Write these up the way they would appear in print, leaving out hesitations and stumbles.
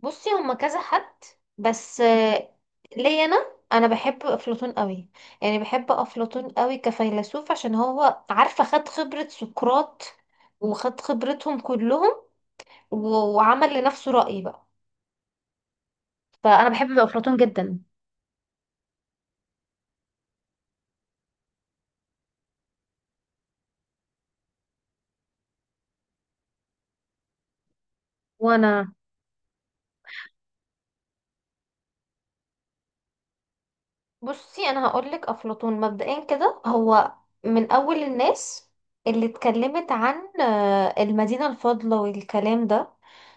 بصي هما كذا حد، بس ليا انا. بحب افلاطون قوي، يعني بحب افلاطون قوي كفيلسوف عشان هو عارفه خد خبره سقراط وخد خبرتهم كلهم وعمل لنفسه رأي بقى. فانا بحب افلاطون جدا. وانا بصي انا هقولك افلاطون مبدئيا كده هو من اول الناس اللي اتكلمت عن المدينة الفاضلة والكلام ده.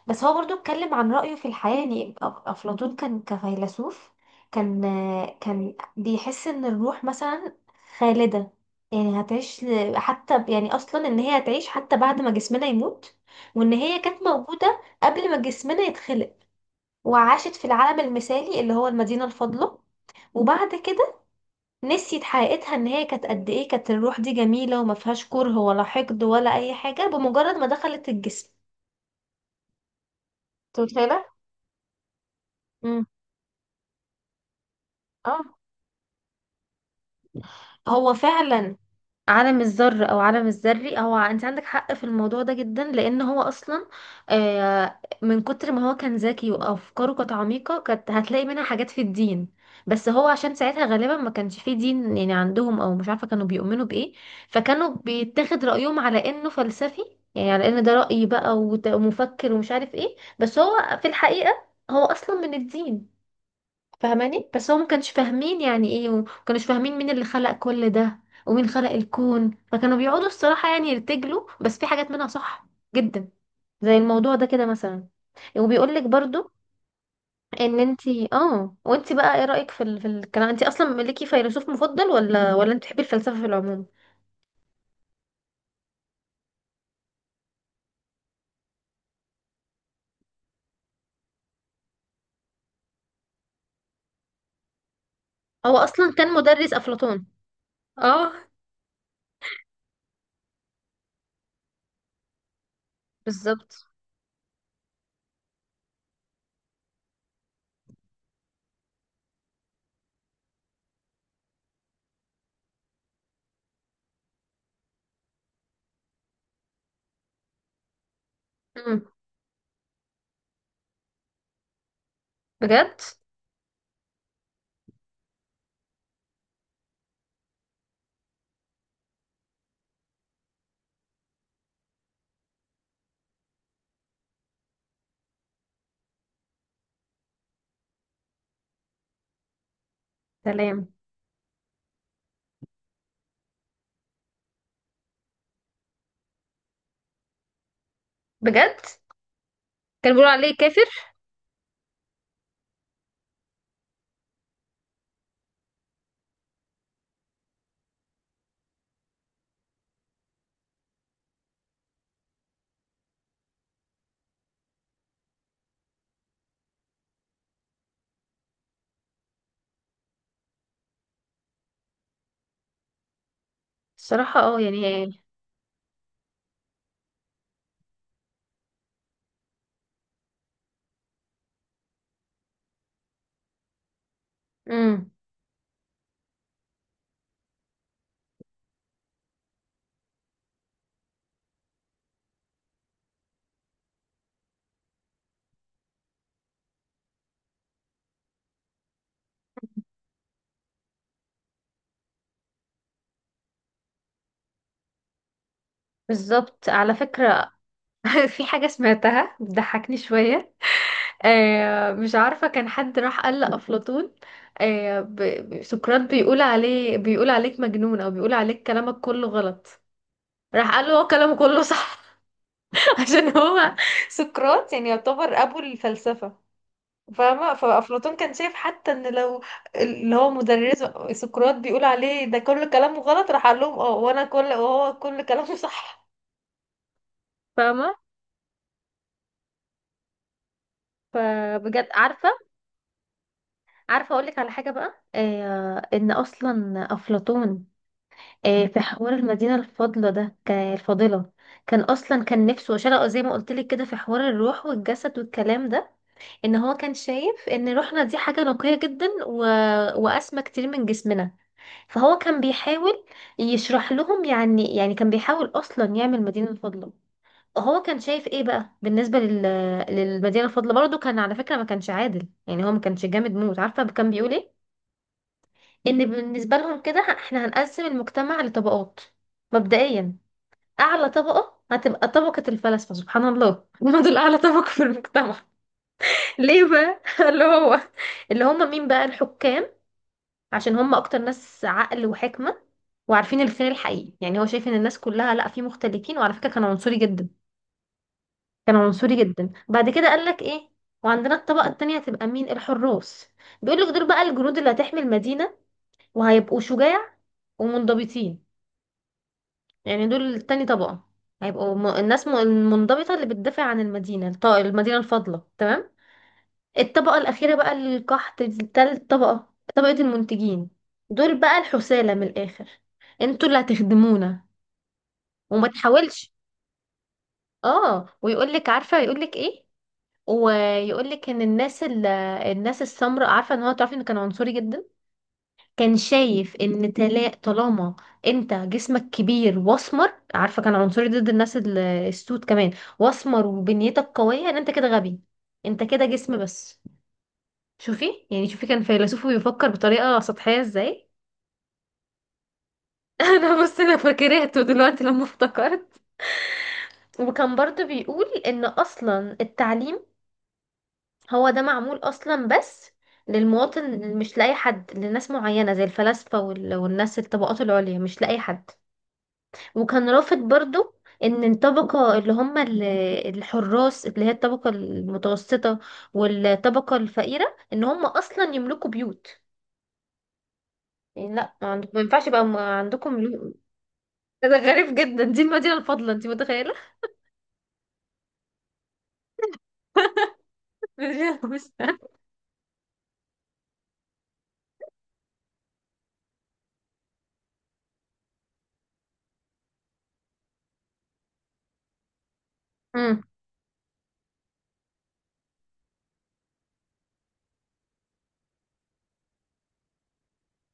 بس هو برضو اتكلم عن رأيه في الحياة. يعني افلاطون كان كفيلسوف، كان بيحس ان الروح مثلا خالدة، يعني هتعيش يعني اصلا ان هي هتعيش حتى بعد ما جسمنا يموت، وان هي كانت موجودة قبل ما جسمنا يتخلق، وعاشت في العالم المثالي اللي هو المدينة الفاضلة. وبعد كده نسيت حقيقتها ان هي كانت قد ايه، كانت الروح دي جميلة وما فيهاش كره ولا حقد ولا اي حاجة بمجرد ما دخلت الجسم. انت متخيلة؟ امم، اه. هو فعلا عالم الذر او عالم الذري، هو انت عندك حق في الموضوع ده جدا، لان هو اصلا من كتر ما هو كان ذكي وافكاره كانت عميقه كانت هتلاقي منها حاجات في الدين. بس هو عشان ساعتها غالبا ما كانش فيه دين يعني عندهم، او مش عارفه كانوا بيؤمنوا بايه، فكانوا بيتاخد رايهم على انه فلسفي، يعني على ان ده راي بقى ومفكر ومش عارف ايه. بس هو في الحقيقه هو اصلا من الدين، فاهماني؟ بس هو ما كانش فاهمين يعني ايه وما كانوش فاهمين مين اللي خلق كل ده ومين خلق الكون، فكانوا بيقعدوا الصراحة يعني يرتجلوا، بس في حاجات منها صح جدا زي الموضوع ده كده مثلا. وبيقول لك برضو ان انتي اه، وانتي بقى ايه رأيك في في الكلام، انتي اصلا ليكي فيلسوف مفضل ولا انت بتحبي الفلسفة في العموم؟ هو اصلا كان مدرس افلاطون. اه. بالظبط. امم. بجد. سلام. بجد كان بيقولوا عليه كافر. الصراحة اه يعني. امم. بالظبط، على فكرة. في حاجة سمعتها بتضحكني شوية. آه مش عارفة، كان حد راح قال لأفلاطون سقراط بيقول عليه، بيقول عليك مجنون أو بيقول عليك كلامك كله غلط، راح قال له هو كلامه كله صح. عشان هو سقراط يعني يعتبر أبو الفلسفة، فاهمة؟ فأفلاطون كان شايف حتى إن لو اللي هو مدرسه سقراط بيقول عليه ده كل كلامه غلط، راح قال لهم اه، وأنا وهو كل كلامه صح، فاهمة؟ فبجد عارفة، عارفه اقول لك على حاجه بقى، آه ان اصلا افلاطون آه في حوار المدينه الفاضله ده، كان الفاضله كان اصلا كان نفسه شرقه زي ما قلت لك كده في حوار الروح والجسد والكلام ده، ان هو كان شايف ان روحنا دي حاجه نقيه جدا واسمى كتير من جسمنا. فهو كان بيحاول يشرح لهم، يعني كان بيحاول اصلا يعمل مدينه الفاضله. هو كان شايف ايه بقى بالنسبه للمدينه الفاضله؟ برضه كان على فكره ما كانش عادل، يعني هو ما كانش جامد موت. عارفه كان بيقول ايه؟ ان بالنسبه لهم كده احنا هنقسم المجتمع لطبقات. مبدئيا اعلى طبقه هتبقى طبقه الفلاسفه، سبحان الله. هم دول اعلى طبقه في المجتمع. ليه بقى؟ اللي هو اللي هم مين بقى؟ الحكام، عشان هم اكتر ناس عقل وحكمه وعارفين الخير الحقيقي. يعني هو شايف ان الناس كلها لا، في مختلفين. وعلى فكره كان عنصري جدا. كان عنصري جدا. بعد كده قال لك ايه، وعندنا الطبقه التانية هتبقى مين؟ الحراس. بيقول لك دول بقى الجنود اللي هتحمي المدينه، وهيبقوا شجاع ومنضبطين. يعني دول تاني طبقة، هيبقوا الناس المنضبطة اللي بتدافع عن المدينة المدينة الفاضلة، تمام. الطبقة الأخيرة بقى القحط، دي تالت طبقة، طبقة المنتجين. دول بقى الحثالة من الآخر، انتوا اللي هتخدمونا وما تحاولش. اه ويقولك عارفة، يقولك ايه، ويقولك ان الناس الناس السمراء، عارفة ان هو تعرفي انه كان عنصري جدا. كان شايف ان طالما انت جسمك كبير واسمر، عارفه كان عنصري ضد الناس السود كمان، واسمر وبنيتك قويه ان انت كده غبي، انت كده جسم بس. شوفي يعني شوفي كان فيلسوف بيفكر بطريقه سطحيه ازاي. انا بص انا فاكرته دلوقتي لما افتكرت. وكان برضو بيقول ان اصلا التعليم هو ده معمول اصلا بس للمواطن، مش لاي حد، لناس معينه زي الفلاسفه والناس الطبقات العليا، مش لاي حد. وكان رافض برضو ان الطبقة اللي هم الحراس اللي هي الطبقة المتوسطة والطبقة الفقيرة ان هم اصلا يملكوا بيوت. يعني لا، ما ينفعش يبقى عندكم ده غريب جدا، دي المدينة الفاضلة، انت متخيلة؟ مدينة مش. امم.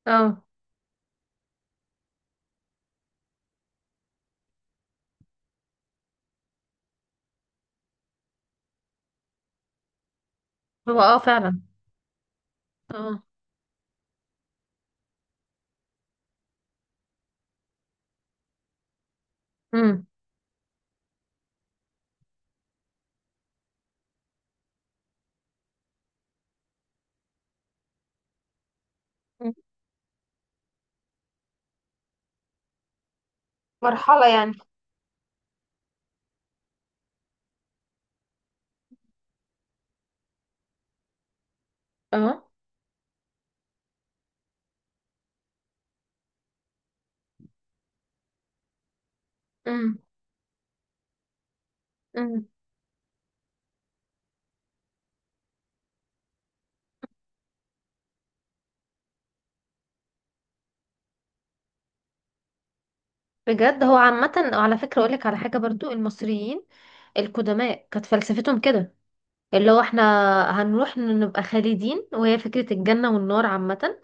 اه. هو اه فعلا. اه. امم. مرحلة يعني. اه. امم. امم. بجد هو عامة على فكرة اقولك على حاجة برضو، المصريين القدماء كانت فلسفتهم كده، اللي هو احنا هنروح نبقى خالدين، وهي فكرة الجنة والنار عامة.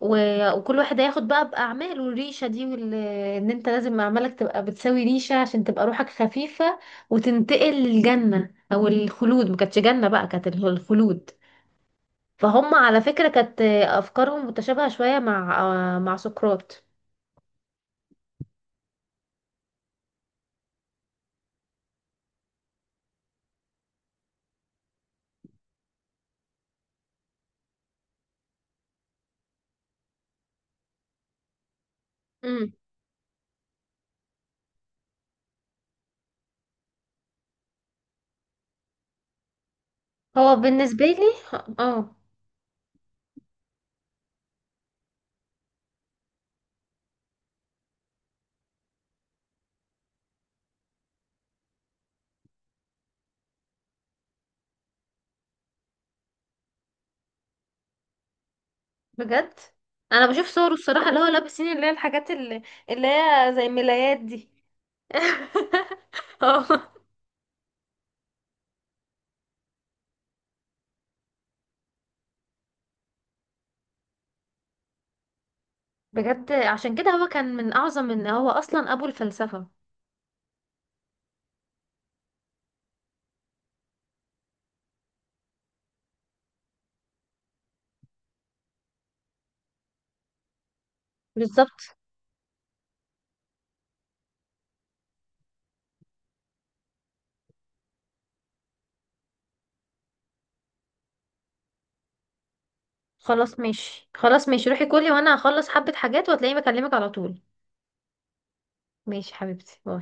وكل واحد هياخد بقى بأعماله، الريشة دي ان انت لازم أعمالك تبقى بتساوي ريشة عشان تبقى روحك خفيفة وتنتقل للجنة أو الخلود. ما كانتش جنة بقى، كانت الخلود. فهم على فكرة كانت أفكارهم متشابهة شوية مع سقراط. امم. هو بالنسبة لي اه. بجد أنا بشوف صوره الصراحة اللي هو لابسين، اللي هي الحاجات اللي، اللي هي زي ملايات دي. اه بجد عشان كده هو كان من اعظم، ان هو اصلا ابو الفلسفة. بالظبط. خلاص ماشي، خلاص ماشي، روحي كلي وانا هخلص حبة حاجات وهتلاقيني بكلمك على طول. ماشي حبيبتي، باي.